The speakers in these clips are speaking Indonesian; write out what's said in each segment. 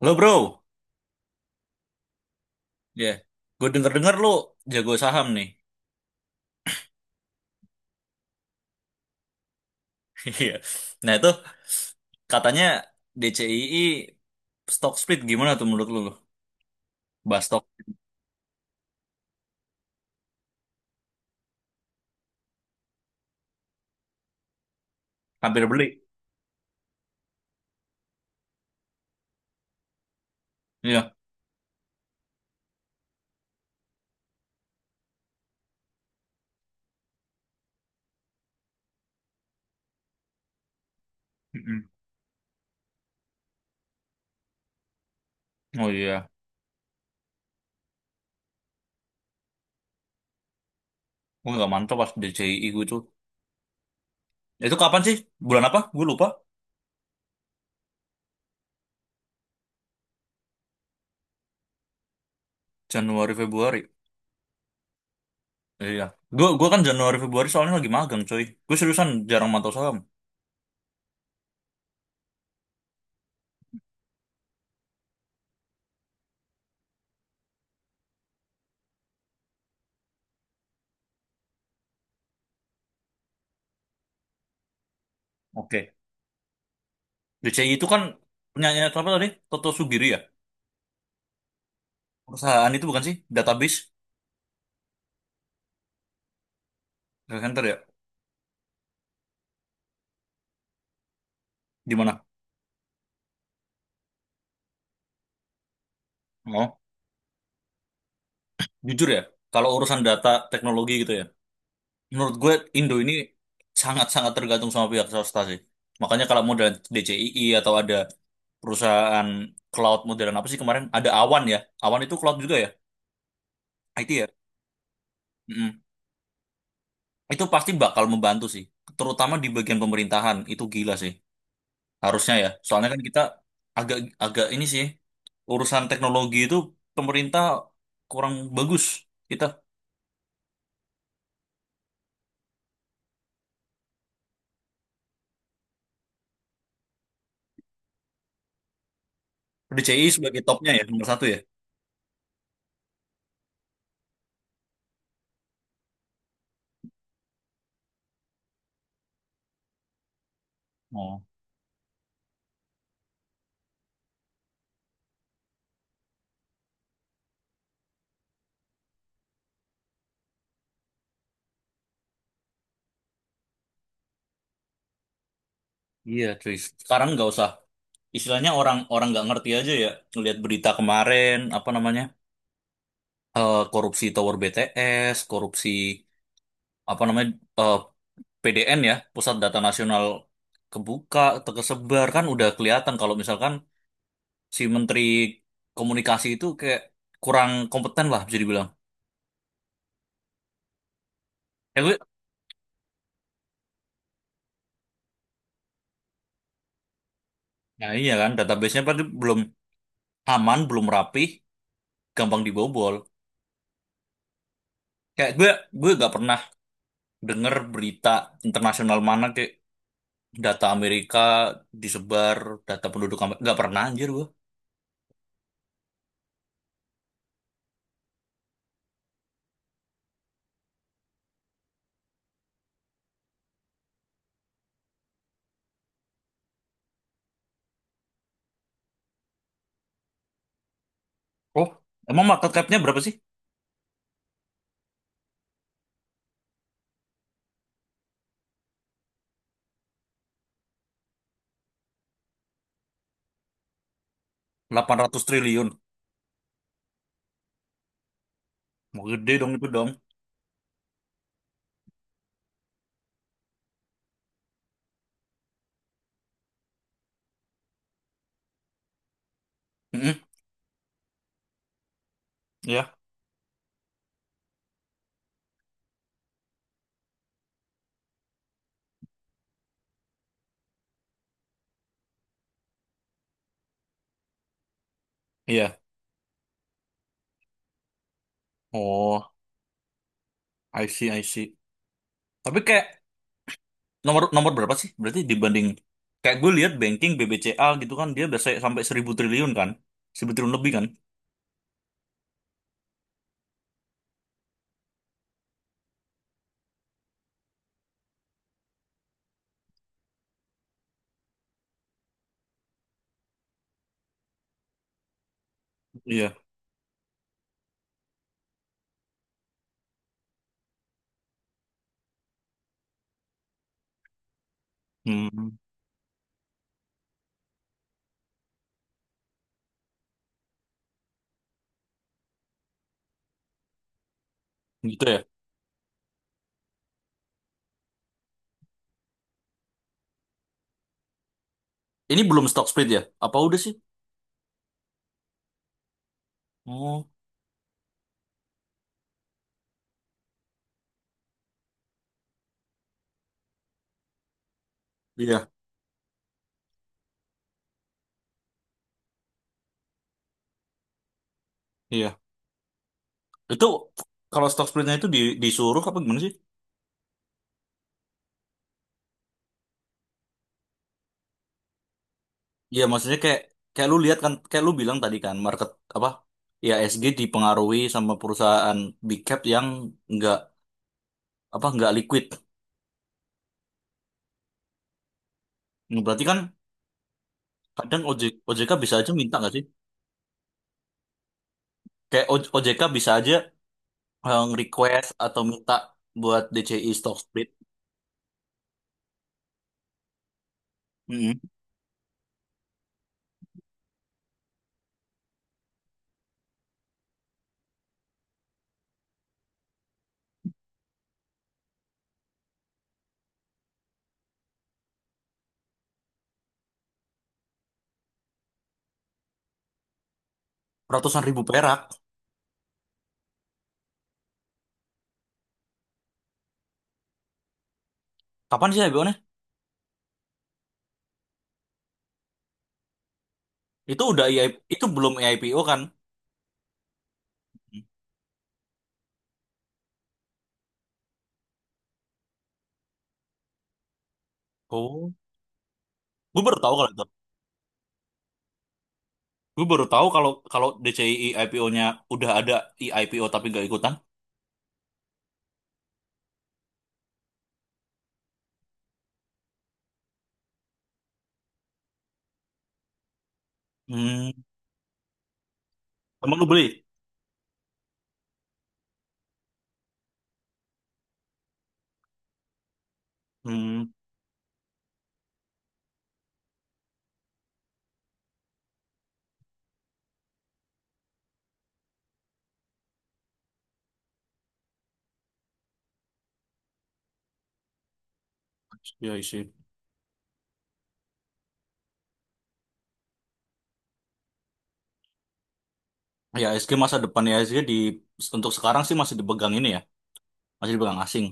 Lo bro, ya, gue denger-denger lo jago saham nih. Iya. Nah itu katanya DCII stock split gimana tuh menurut lo? Bahas stok hampir beli. Iya. Mm-mm. Oh iya. Gue nggak mantap pas DCII gue tuh. Itu kapan sih? Bulan apa? Gue lupa. Januari Februari. Iya. Gue kan Januari Februari soalnya lagi magang coy. Gue seriusan jarang mantau saham. Oke. DCI itu kan punyanya apa tadi? Toto Sugiri ya? Perusahaan itu bukan sih? Database. Center ya? Di mana? Oh, jujur ya, kalau urusan data teknologi gitu ya, menurut gue Indo ini sangat-sangat tergantung sama pihak swasta sih. Makanya kalau model DCII atau ada perusahaan cloud modern apa sih kemarin, ada Awan ya. Awan itu cloud juga ya, IT ya. Mm-mm. Itu pasti bakal membantu sih, terutama di bagian pemerintahan, itu gila sih. Harusnya ya, soalnya kan kita agak agak ini sih, urusan teknologi itu pemerintah kurang bagus. Kita DCII sebagai topnya ya, nomor satu ya. Iya, cuy. Sekarang nggak usah. Istilahnya orang-orang nggak ngerti aja ya. Ngelihat berita kemarin, apa namanya? Korupsi Tower BTS, korupsi apa namanya? eh, PDN ya, Pusat Data Nasional kebuka, tersebar kan udah kelihatan kalau misalkan si Menteri Komunikasi itu kayak kurang kompeten lah bisa dibilang. Ya, gue, nah iya kan, database-nya pasti belum aman, belum rapih, gampang dibobol. Kayak gue gak pernah denger berita internasional mana kayak Data Amerika disebar, data penduduk Amerika. Nggak pernah anjir gua. Oh, emang market cap-nya berapa sih? 800 triliun. Mau gede dong itu dong. Mm-mm. Iya. Iya. Oh, I see, I see. Tapi kayak nomor nomor berapa sih? Berarti dibanding kayak gue lihat banking BBCA gitu kan dia biasa sampai 1.000 triliun kan? 1.000 triliun lebih kan? Iya. Hmm, gitu ya. Ini belum stock split ya? Apa udah sih? Oh, iya, iya. Itu kalau stock splitnya itu disuruh apa gimana sih? Iya, maksudnya kayak kayak lu lihat kan, kayak lu bilang tadi kan, market apa? Ya SG dipengaruhi sama perusahaan big cap yang nggak apa nggak liquid. Nah, berarti kan kadang OJK bisa aja minta nggak sih? Kayak OJK bisa aja request atau minta buat DCI stock split. Mm-mm. Ratusan ribu perak. Kapan sih IPO-nya? Itu udah I itu belum IPO kan? Oh, gue baru tahu kalau itu. Gue baru tahu kalau kalau DCI IPO-nya udah ada IPO tapi nggak ikutan. Hmm. Emang lu beli? Hmm, ya sih. Ya SG masa depan ya SG di untuk sekarang sih masih dipegang ini ya, masih dipegang asing.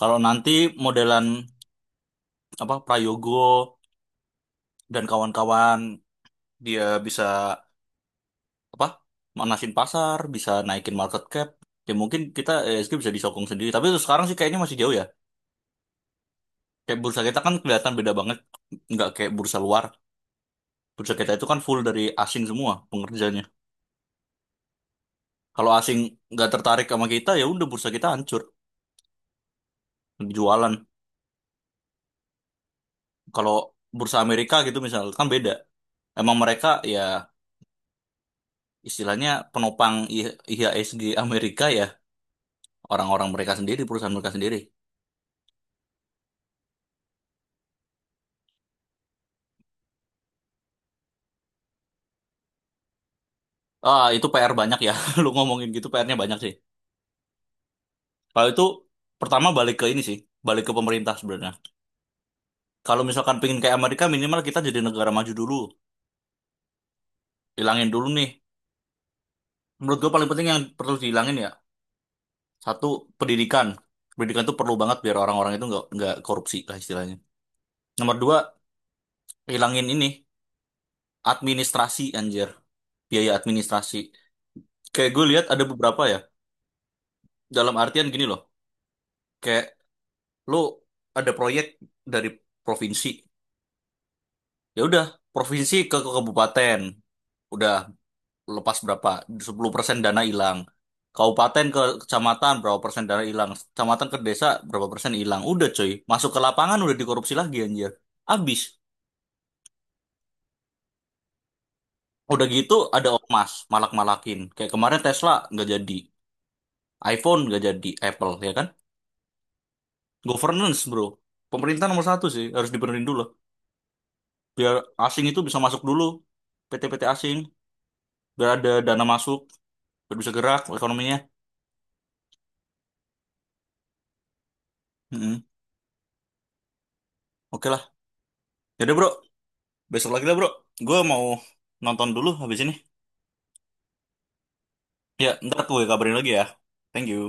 Kalau nanti modelan apa Prayogo dan kawan-kawan dia bisa apa manasin pasar, bisa naikin market cap, ya mungkin kita SG bisa disokong sendiri. Tapi untuk sekarang sih kayaknya masih jauh ya. Kayak bursa kita kan kelihatan beda banget, nggak kayak bursa luar. Bursa kita itu kan full dari asing semua pengerjanya. Kalau asing nggak tertarik sama kita, ya udah bursa kita hancur, jualan kalau bursa Amerika gitu misal kan beda. Emang mereka ya istilahnya penopang IHSG Amerika ya orang-orang mereka sendiri, perusahaan mereka sendiri. Ah, itu PR banyak ya. Lu ngomongin gitu PR-nya banyak sih. Kalau itu pertama balik ke ini sih, balik ke pemerintah sebenarnya. Kalau misalkan pengen kayak Amerika minimal kita jadi negara maju dulu, hilangin dulu nih. Menurut gua paling penting yang perlu dihilangin ya, satu pendidikan. Pendidikan tuh perlu banget biar orang-orang itu nggak korupsi lah istilahnya. Nomor dua, hilangin ini. Administrasi anjir biaya administrasi kayak gue lihat ada beberapa ya dalam artian gini loh kayak lu ada proyek dari provinsi ya udah provinsi ke kabupaten udah lepas berapa 10% dana hilang kabupaten ke kecamatan berapa persen dana hilang kecamatan ke desa berapa persen hilang udah coy masuk ke lapangan udah dikorupsi lagi anjir abis udah gitu ada ormas malak-malakin kayak kemarin Tesla nggak jadi iPhone nggak jadi Apple ya kan Governance, bro. Pemerintah nomor satu sih, harus dibenerin dulu. Biar asing itu bisa masuk dulu. PT-PT asing, biar ada dana masuk, biar bisa gerak ekonominya. Mm-mm. Oke lah. Yaudah bro, besok lagi lah bro. Gue mau nonton dulu habis ini. Ya, ntar gue kabarin lagi ya. Thank you.